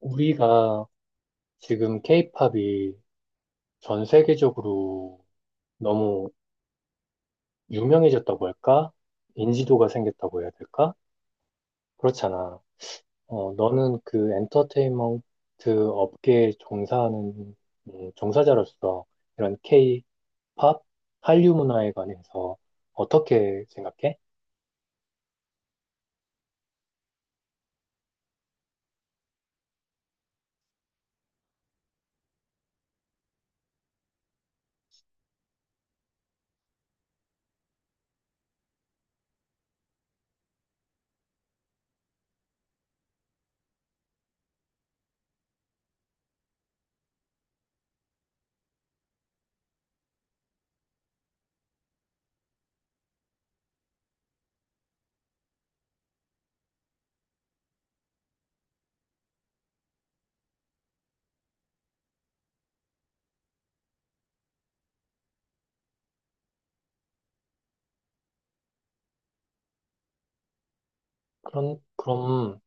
우리가 지금 케이팝이 전 세계적으로 너무 유명해졌다고 할까? 인지도가 생겼다고 해야 될까? 그렇잖아. 어, 너는 그 엔터테인먼트 업계에 종사하는 종사자로서 이런 케이팝 한류 문화에 관해서 어떻게 생각해? 그런, 그럼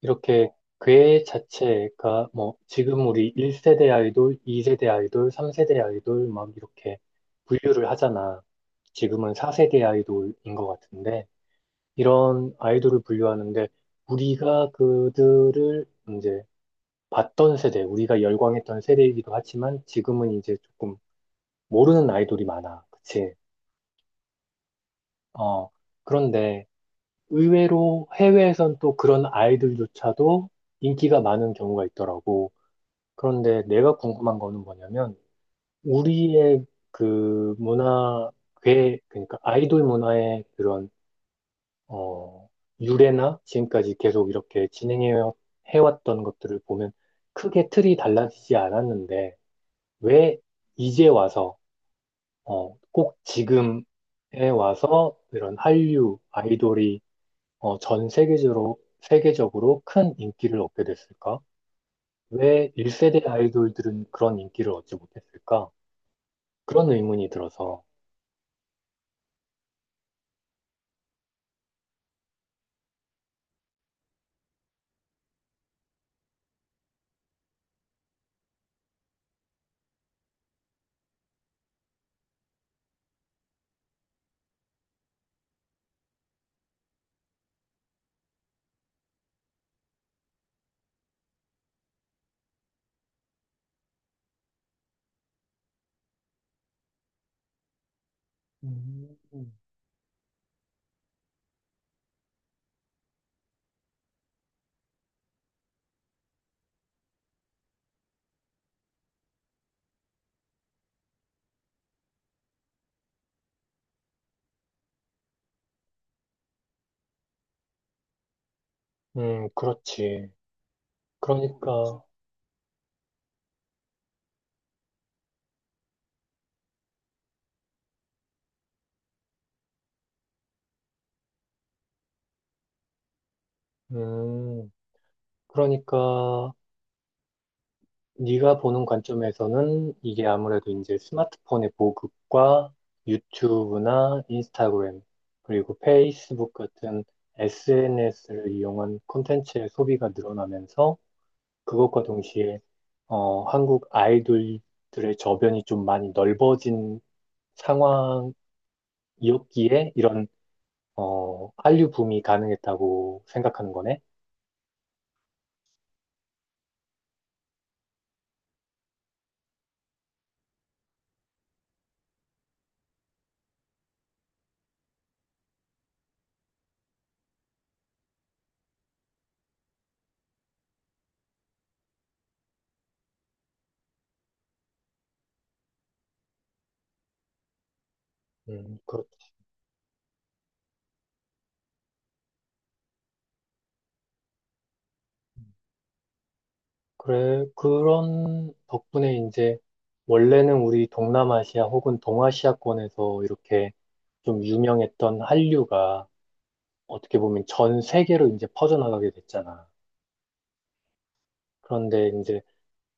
이렇게 괴 자체가 뭐 지금 우리 1세대 아이돌, 2세대 아이돌, 3세대 아이돌 막 이렇게 분류를 하잖아. 지금은 4세대 아이돌인 것 같은데 이런 아이돌을 분류하는데 우리가 그들을 이제 봤던 세대, 우리가 열광했던 세대이기도 하지만 지금은 이제 조금 모르는 아이돌이 많아. 그치? 어, 그런데 의외로 해외에선 또 그런 아이돌조차도 인기가 많은 경우가 있더라고. 그런데 내가 궁금한 거는 뭐냐면, 우리의 그 문화, 괴, 그러니까 아이돌 문화의 그런, 어, 유래나 지금까지 계속 이렇게 진행해 해왔던 것들을 보면 크게 틀이 달라지지 않았는데, 왜 이제 와서, 어, 꼭 지금에 와서 이런 한류 아이돌이, 어, 전 세계적으로, 세계적으로 큰 인기를 얻게 됐을까? 왜 1세대 아이돌들은 그런 인기를 얻지 못했을까? 그런 의문이 들어서. 음, 그렇지. 그렇지. 그러니까, 음, 그러니까, 네가 보는 관점에서는 이게 아무래도 이제 스마트폰의 보급과 유튜브나 인스타그램, 그리고 페이스북 같은 SNS를 이용한 콘텐츠의 소비가 늘어나면서 그것과 동시에, 어, 한국 아이돌들의 저변이 좀 많이 넓어진 상황이었기에 이런 어, 한류 붐이 가능했다고 생각하는 거네. 그, 렇 그래. 그런 덕분에 이제 원래는 우리 동남아시아 혹은 동아시아권에서 이렇게 좀 유명했던 한류가 어떻게 보면 전 세계로 이제 퍼져나가게 됐잖아. 그런데 이제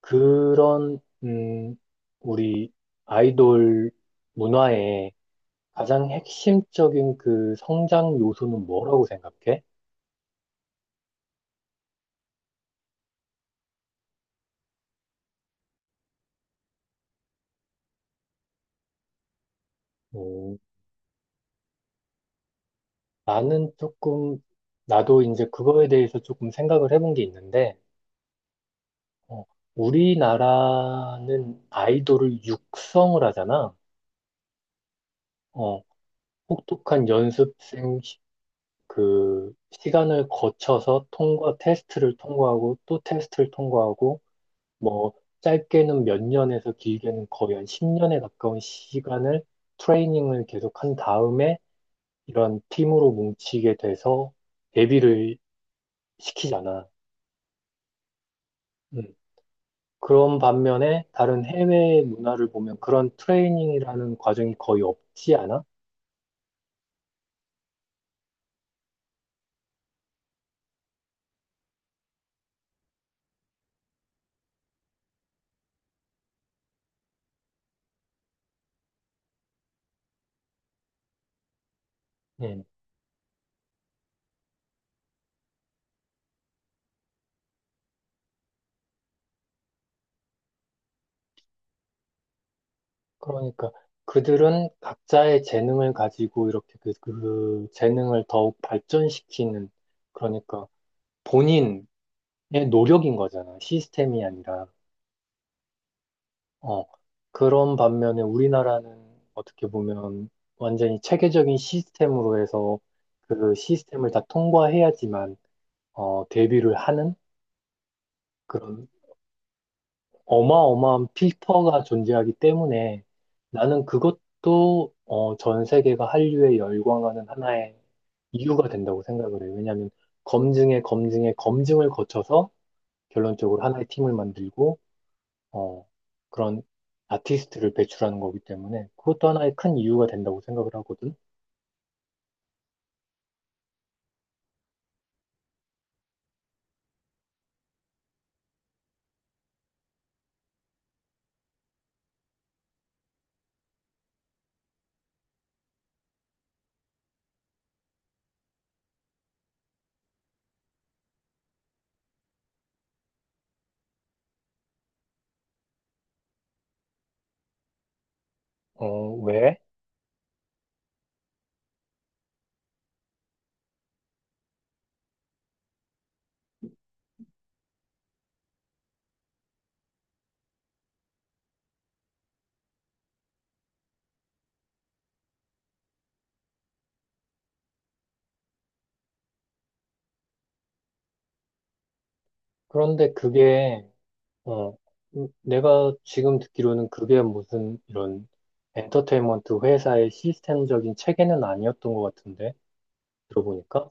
그런, 우리 아이돌 문화의 가장 핵심적인 그 성장 요소는 뭐라고 생각해? 나는 조금, 나도 이제 그거에 대해서 조금 생각을 해본 게 있는데, 어, 우리나라는 아이돌을 육성을 하잖아. 어, 혹독한 연습생 시- 그 시간을 거쳐서 통과, 테스트를 통과하고 또 테스트를 통과하고, 뭐, 짧게는 몇 년에서 길게는 거의 한 10년에 가까운 시간을 트레이닝을 계속 한 다음에 이런 팀으로 뭉치게 돼서 데뷔를 시키잖아. 음. 그런 반면에 다른 해외 문화를 보면 그런 트레이닝이라는 과정이 거의 없지 않아? 예. 그러니까 그들은 각자의 재능을 가지고 이렇게 그, 그 재능을 더욱 발전시키는 그러니까 본인의 노력인 거잖아. 시스템이 아니라. 어. 그런 반면에 우리나라는 어떻게 보면 완전히 체계적인 시스템으로 해서 그 시스템을 다 통과해야지만 어, 데뷔를 하는 그런 어마어마한 필터가 존재하기 때문에 나는 그것도 어, 전 세계가 한류에 열광하는 하나의 이유가 된다고 생각을 해요. 왜냐하면 검증에 검증에 검증을 거쳐서 결론적으로 하나의 팀을 만들고 어, 그런 아티스트를 배출하는 거기 때문에 그것도 하나의 큰 이유가 된다고 생각을 하거든. 어, 왜? 그런데 그게 어, 내가 지금 듣기로는 그게 무슨 이런 엔터테인먼트 회사의 시스템적인 체계는 아니었던 것 같은데, 들어보니까.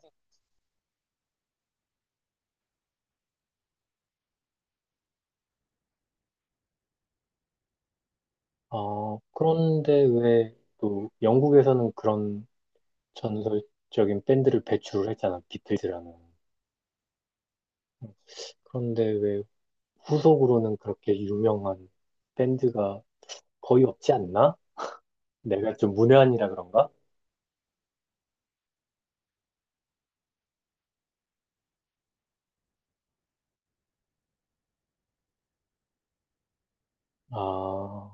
아, 그런데 왜 또 영국에서는 그런 전설적인 밴드를 배출을 했잖아, 비틀즈라는. 그런데 왜 후속으로는 그렇게 유명한 밴드가 거의 없지 않나? 내가 좀 문외한이라 그런가? 아,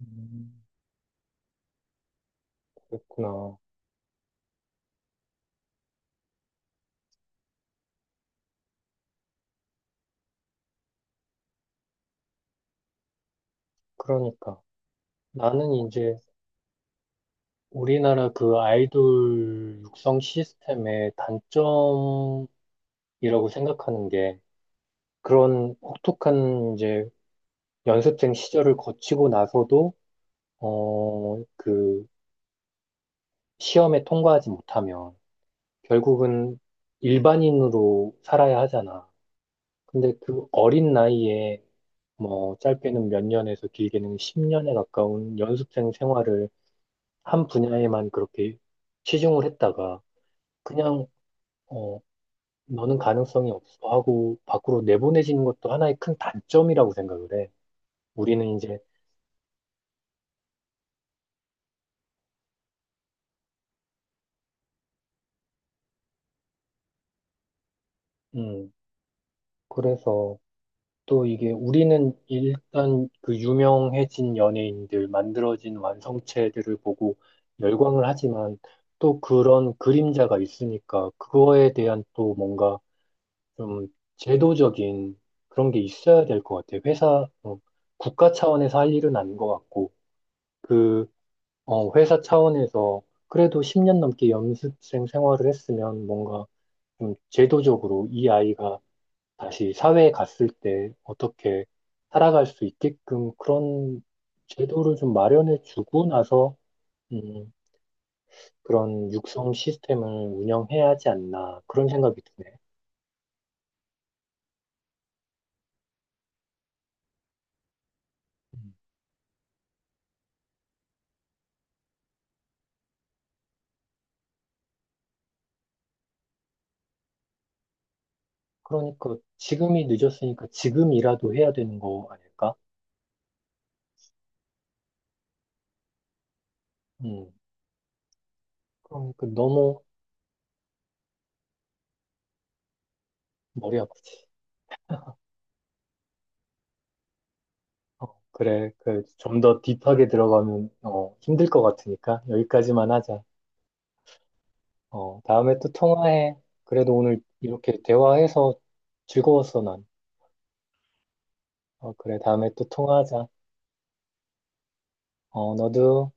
음, 그랬구나. 그러니까. 나는 이제 우리나라 그 아이돌 육성 시스템의 단점이라고 생각하는 게 그런 혹독한 이제 연습생 시절을 거치고 나서도 어, 그 시험에 통과하지 못하면 결국은 일반인으로 살아야 하잖아. 근데 그 어린 나이에 뭐 짧게는 몇 년에서 길게는 10년에 가까운 연습생 생활을 한 분야에만 그렇게 치중을 했다가 그냥 어, 너는 가능성이 없어 하고 밖으로 내보내지는 것도 하나의 큰 단점이라고 생각을 해. 우리는 이제, 음, 그래서 또 이게 우리는 일단 그 유명해진 연예인들, 만들어진 완성체들을 보고 열광을 하지만 또 그런 그림자가 있으니까 그거에 대한 또 뭔가 좀 제도적인 그런 게 있어야 될 것 같아. 회사, 어, 국가 차원에서 할 일은 아닌 것 같고, 그 어, 회사 차원에서 그래도 10년 넘게 연습생 생활을 했으면 뭔가 좀 제도적으로 이 아이가 다시 사회에 갔을 때 어떻게 살아갈 수 있게끔 그런 제도를 좀 마련해 주고 나서 음, 그런 육성 시스템을 운영해야 하지 않나 그런 생각이 드네. 음, 그러니까 지금이 늦었으니까 지금이라도 해야 되는 거 아닐까? 음, 그러니까 너무 머리 아프지. 어, 그래. 그, 좀 더 딥하게 들어가면, 어, 힘들 것 같으니까 여기까지만 하자. 어, 다음에 또 통화해. 그래도 오늘 이렇게 대화해서 즐거웠어, 난. 어, 그래. 다음에 또 통화하자. 어, 너도.